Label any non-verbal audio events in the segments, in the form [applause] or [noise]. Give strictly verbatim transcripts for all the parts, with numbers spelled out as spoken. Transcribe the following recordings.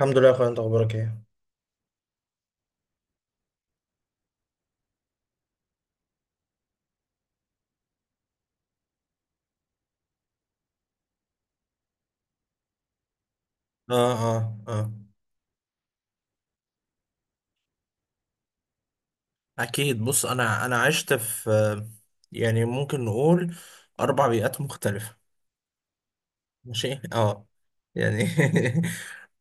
الحمد لله يا اخويا، انت اخبارك ايه؟ اه، اه، اه. اكيد. بص، انا انا عشت في آه، يعني ممكن نقول اربع بيئات مختلفه. ماشي، اه. يعني [laughs]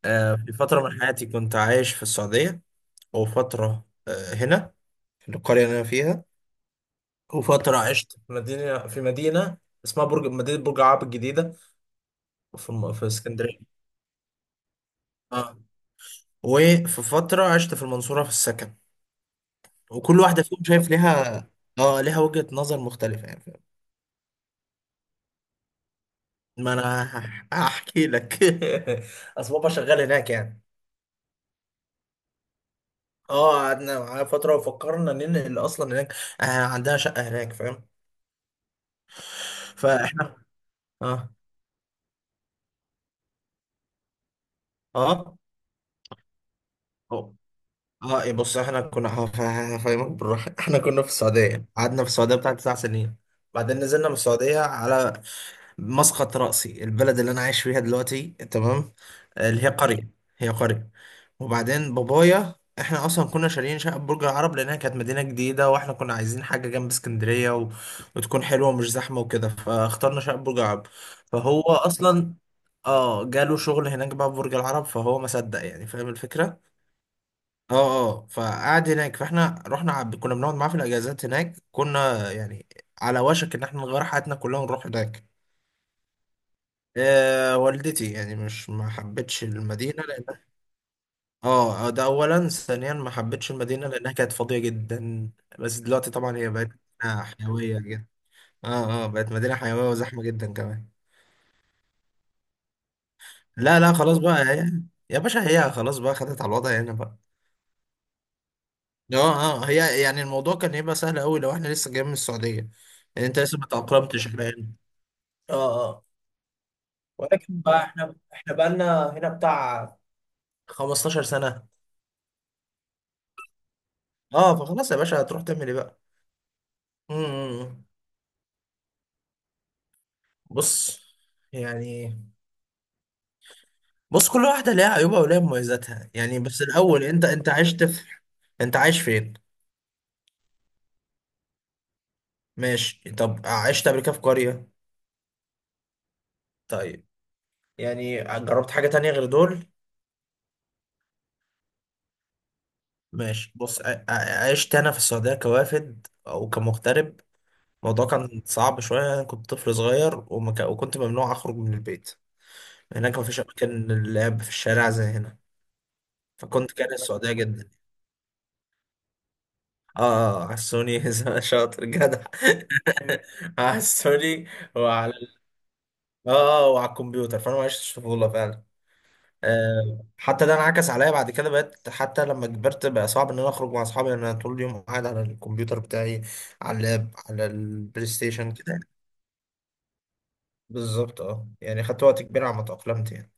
آه، في فتره من حياتي كنت عايش في السعوديه، وفتره آه، هنا في القريه اللي انا فيها، وفتره عشت في مدينه في مدينه اسمها برج مدينه برج العرب الجديده، في الم- في اسكندريه. اه. وفي فتره عشت في المنصوره في السكن. وكل واحدة فيهم شايف ليها، اه ليها وجهة نظر مختلفة، يعني فاهم؟ ما انا [laughs] هح- هحكي لك. [laughs] اصل بابا شغال هناك يعني. اه، قعدنا معاه فترة وفكرنا ننقل اصلا هناك. آه، عندها شقة هناك، فاهم؟ فاحنا، اه، اه، اه، آه، إيه، بص، احنا كنا هف- هفهمك بالراحة. [laughs] احنا كنا في السعودية يعني. قعدنا في السعودية بتاع تسع سنين. بعدين نزلنا من السعودية على مسقط رأسي، البلد اللي أنا عايش فيها دلوقتي، تمام؟ آه، اللي هي قرية، هي قرية. وبعدين بابايا، احنا اصلا كنا شاريين شقه برج العرب، لانها كانت مدينه جديده واحنا كنا عايزين حاجه جنب اسكندريه و... وتكون حلوه ومش زحمه وكده، فاخترنا شقه برج العرب. فهو اصلا اه، جاله شغل هناك بقى في برج العرب، فهو ما صدق يعني، فاهم الفكره؟ اه، اه. فقعد هناك، فاحنا رحنا عب... كنا بنقعد معاه في الاجازات هناك، كنا يعني على وشك ان احنا نغير حياتنا كلها ونروح هناك. آه والدتي يعني مش ما حبتش المدينة لأن، اه، آه، ده أولا. ثانيا، ما حبتش المدينة لأنها كانت فاضية جدا. بس دلوقتي طبعا هي بقت مدينة حيوية جدا. اه، اه، بقت مدينة حيوية وزحمة جدا كمان. لا، لا، خلاص بقى هي. يا باشا، هي خلاص بقى خدت على الوضع هنا بقى. اه، اه، هي يعني الموضوع كان هيبقى سهل أوي لو احنا لسه جايين من السعودية، يعني انت لسه ما تأقلمتش على هنا. اه، اه. ولكن بقى احنا احنا بقالنا هنا بتاع 15 سنة. اه، فخلاص يا باشا، هتروح تعمل ايه بقى؟ مم. بص يعني بص كل واحدة ليها عيوبها وليها مميزاتها، يعني بس الأول أنت أنت عشت في، أنت عايش فين؟ ماشي. طب عشت قبل كده في قرية؟ طيب. يعني جربت حاجة تانية غير دول؟ ماشي. بص، ع- ع- عشت أنا في السعودية كوافد أو كمغترب. الموضوع كان صعب شوية، أنا كنت طفل صغير وما ك- وكنت ممنوع أخرج من البيت. هناك مفيش أماكن للعب في الشارع زي هنا. فكنت كاره السعودية جدا. اه، آه، على السوني [laughs] شاطر جدع. [laughs] على السوني. وعلى اه وعلى الكمبيوتر، فانا ما عشتش طفوله فعلا. آه، حتى ده انعكس عليا بعد كده، بقيت حتى لما كبرت بقى صعب ان انا اخرج مع اصحابي، لان انا طول اليوم قاعد على الكمبيوتر بتاعي، على اللاب، على البلاي ستيشن كده. بالظبط، اه. يعني خدت وقت كبير على ما تأقلمت يعني.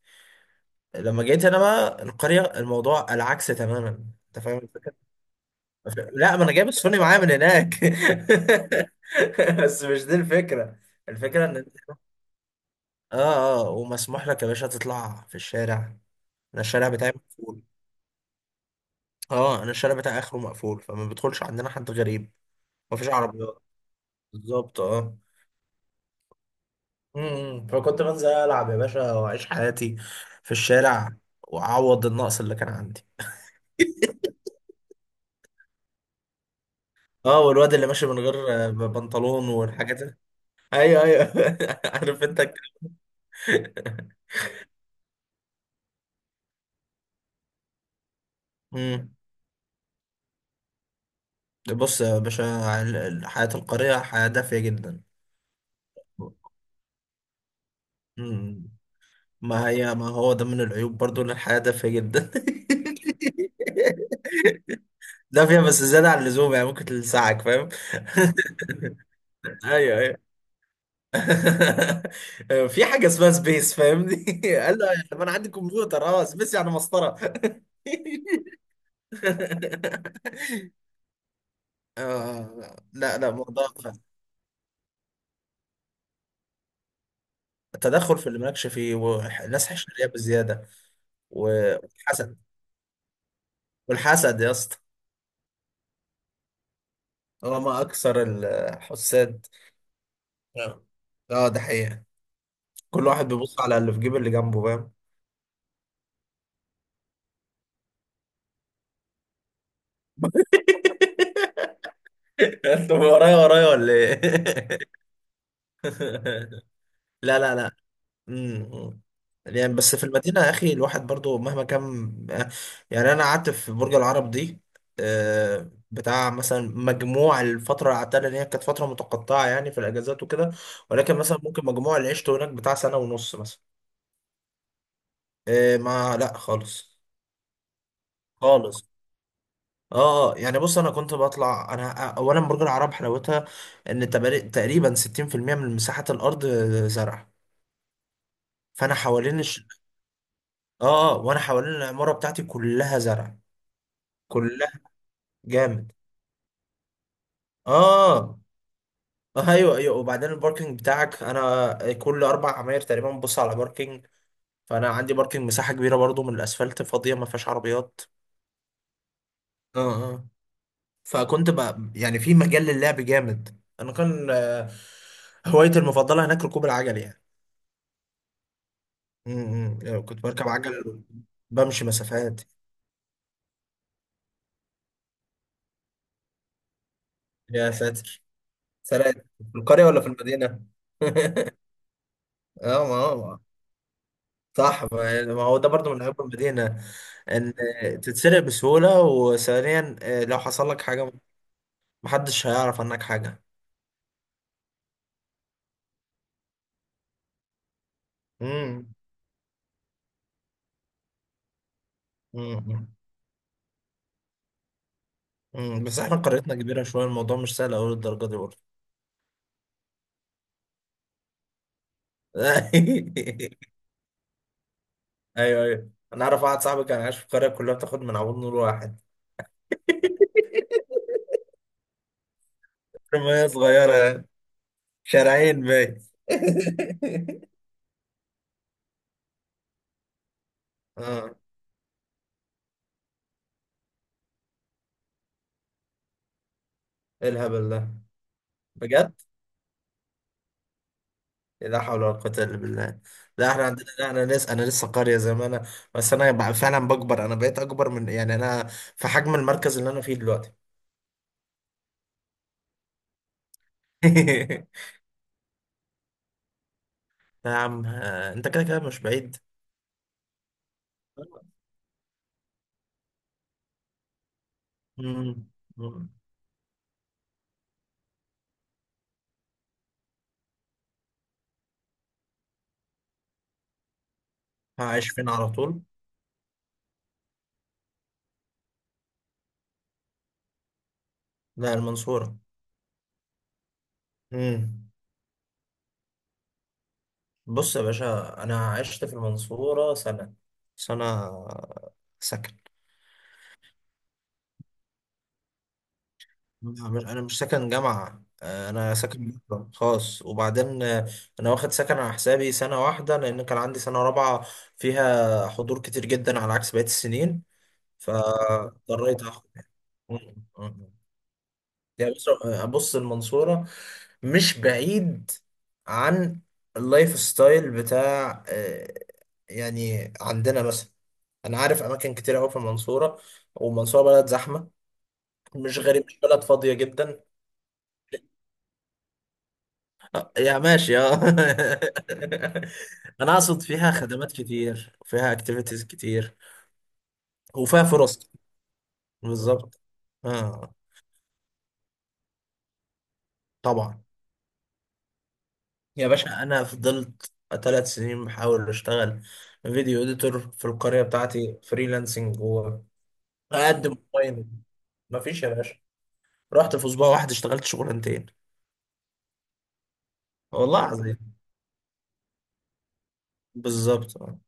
لما جيت انا بقى القريه، الموضوع العكس تماما، انت فاهم الفكره؟ لا، ما انا جايب السوني معايا من هناك. [laughs] بس مش دي الفكره. الفكره ان، اه، اه، ومسموح لك يا باشا تطلع في الشارع. انا الشارع بتاعي مقفول. اه، انا الشارع بتاعي اخره مقفول، فما بيدخلش عندنا حد غريب. مفيش عربيات. بالظبط، اه. امم فكنت بنزل العب يا باشا واعيش حياتي في الشارع، واعوض النقص اللي كان عندي. اه، والواد اللي ماشي من غير آه، بنطلون والحاجات دي. ايوه، ايوه. [laughs] عارف انت. امم بص يا باشا، ال- ال- حياة القرية حياة دافية جدا. مم. ما هي ما هو ده من العيوب برضو، ان الحياة دافية جدا. [laughs] دافية بس زيادة عن اللزوم، يعني ممكن تلسعك، فاهم؟ [laughs] ايوه، ايوه. [laughs] في حاجة اسمها سبيس، فاهمني؟ [laughs] قال له طب انا عندي كمبيوتر، اه سبيس يعني مسطرة. [laughs] آه لا، لا، موضوع التدخل في اللي مالكش فيه، والناس حشرية بزيادة. والحسد. والحسد يا اسطى. هو ما اكثر الحساد. اه، آه، ده حقيقة. كل واحد بيبص على اللي في جيب اللي جنبه، فاهم؟ [laughs] انت ورايا ورايا ولا ايه؟ [laughs] لا، لا، لا. امم يعني بس في المدينة يا أخي، الواحد برضو مهما كان، يعني أنا قعدت في برج العرب دي آه، بتاع مثلا، مجموع الفترة اللي قعدتها، لأن هي كانت فترة متقطعة يعني، في الأجازات وكده، ولكن مثلا ممكن مجموع اللي عشته هناك بتاع سنة ونص مثلا. آه، ما لا خالص. خالص. اه، آه، يعني بص، انا كنت بطلع، انا اولا برج العرب حلاوتها ان تبر- تقريبا ستين في المية من مساحة الارض زرع. فانا حوالين الش... اه، آه، وانا حوالين العمارة بتاعتي كلها زرع، كلها. جامد. اه، آه، ايوه، ايوه. وبعدين الباركينج بتاعك، انا كل اربع عماير تقريبا ببص على باركينج، فانا عندي باركينج مساحة كبيرة برضو من الاسفلت فاضية ما فيهاش عربيات. اه، اه. فكنت بقى يعني في مجال للعب جامد، انا كان آه، هوايتي المفضلة هناك ركوب العجل يعني. امم كنت بركب عجل، بمشي مسافات. يا ساتر، سرقت. في القرية ولا في المدينة؟ [laughs] اه، ما هو صح. ما ما هو ده برضو من عيوب المدينة، ان تتسرق بسهولة. وثانيا آه، لو حصل لك حاجة، محدش هيعرف عنك حاجة. امم امم امم بس احنا قريتنا كبيرة شوية، الموضوع مش سهل اوي للدرجة دي برضه. [laughs] ايوه، ايوه، انا اعرف واحد صاحبي كان عايش في القرية كلها بتاخد من عمود نور واحد. [laughs] رمية صغيرة يعني. شارعين باين. [laughs] اه، ايه الهبل ده؟ بجد؟ إيه، لا حول ولا قوة الا بالله. لا احنا عندنا، لا، انا لسه انا لسه قرية زي ما انا، بس انا بقى فعلا بكبر، انا بقيت اكبر من، يعني انا في حجم المركز اللي انا فيه دلوقتي. [laughs] يا عم آه، انت كده كده مش بعيد. مم. مم. هعيش فين على طول؟ لا، المنصورة. مم. بص يا باشا، انا عشت في المنصورة سنة. سنة سكن. أنا أنا مش ساكن جامعة، آه، أنا ساكن مم. بره خاص. وبعدين آه، أنا واخد سكن على حسابي سنة واحدة، لأن كان عندي سنة رابعة فيها حضور كتير جدا على عكس بقية السنين، فاضطريت آخد. يعني بص آه، بص المنصورة مش بعيد عن اللايف ستايل بتاع آه، يعني عندنا مثلا، انا عارف اماكن كتير قوي في المنصوره. والمنصوره بلد زحمه، مش غريب، مش بلد فاضيه جدا. يا ماشي، اه. [laughs] انا اقصد فيها خدمات كتير وفيها اكتيفيتيز كتير وفيها فرص. بالظبط، اه. طبعا. يا باشا انا فضلت ثلاث سنين بحاول اشتغل فيديو اديتور في القريه بتاعتي فريلانسنج، واقدم اونلاين، مفيش يا باشا. رحت في اسبوع واحد اشتغلت شغلانتين، والله العظيم. بالظبط، اه.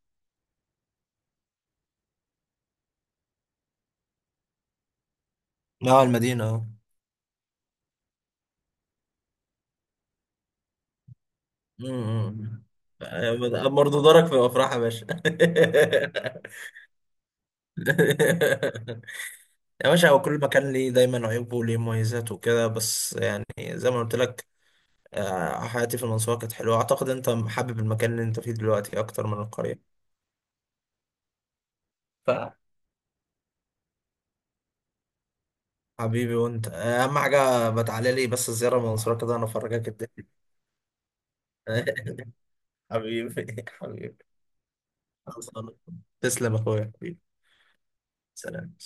اه، المدينه، اه. م- م- م. آه، برضه دارك في الافراح يا باشا. [laughs] [laughs] يا باشا، هو كل مكان ليه دايما عيوبه وليه مميزاته وكده، بس يعني زي ما قلت لك، آه، حياتي في المنصورة كانت حلوة. أعتقد أنت حابب المكان اللي أنت فيه دلوقتي أكتر من القرية. فحبيبي، وأنت آه، أهم حاجة، بتعالى لي بس الزيارة المنصورة كده، أنا أفرجك الدنيا. [laughs] حبيبي حبيبي. خلصانة. تسلم يا أخويا حبيبي. سلام.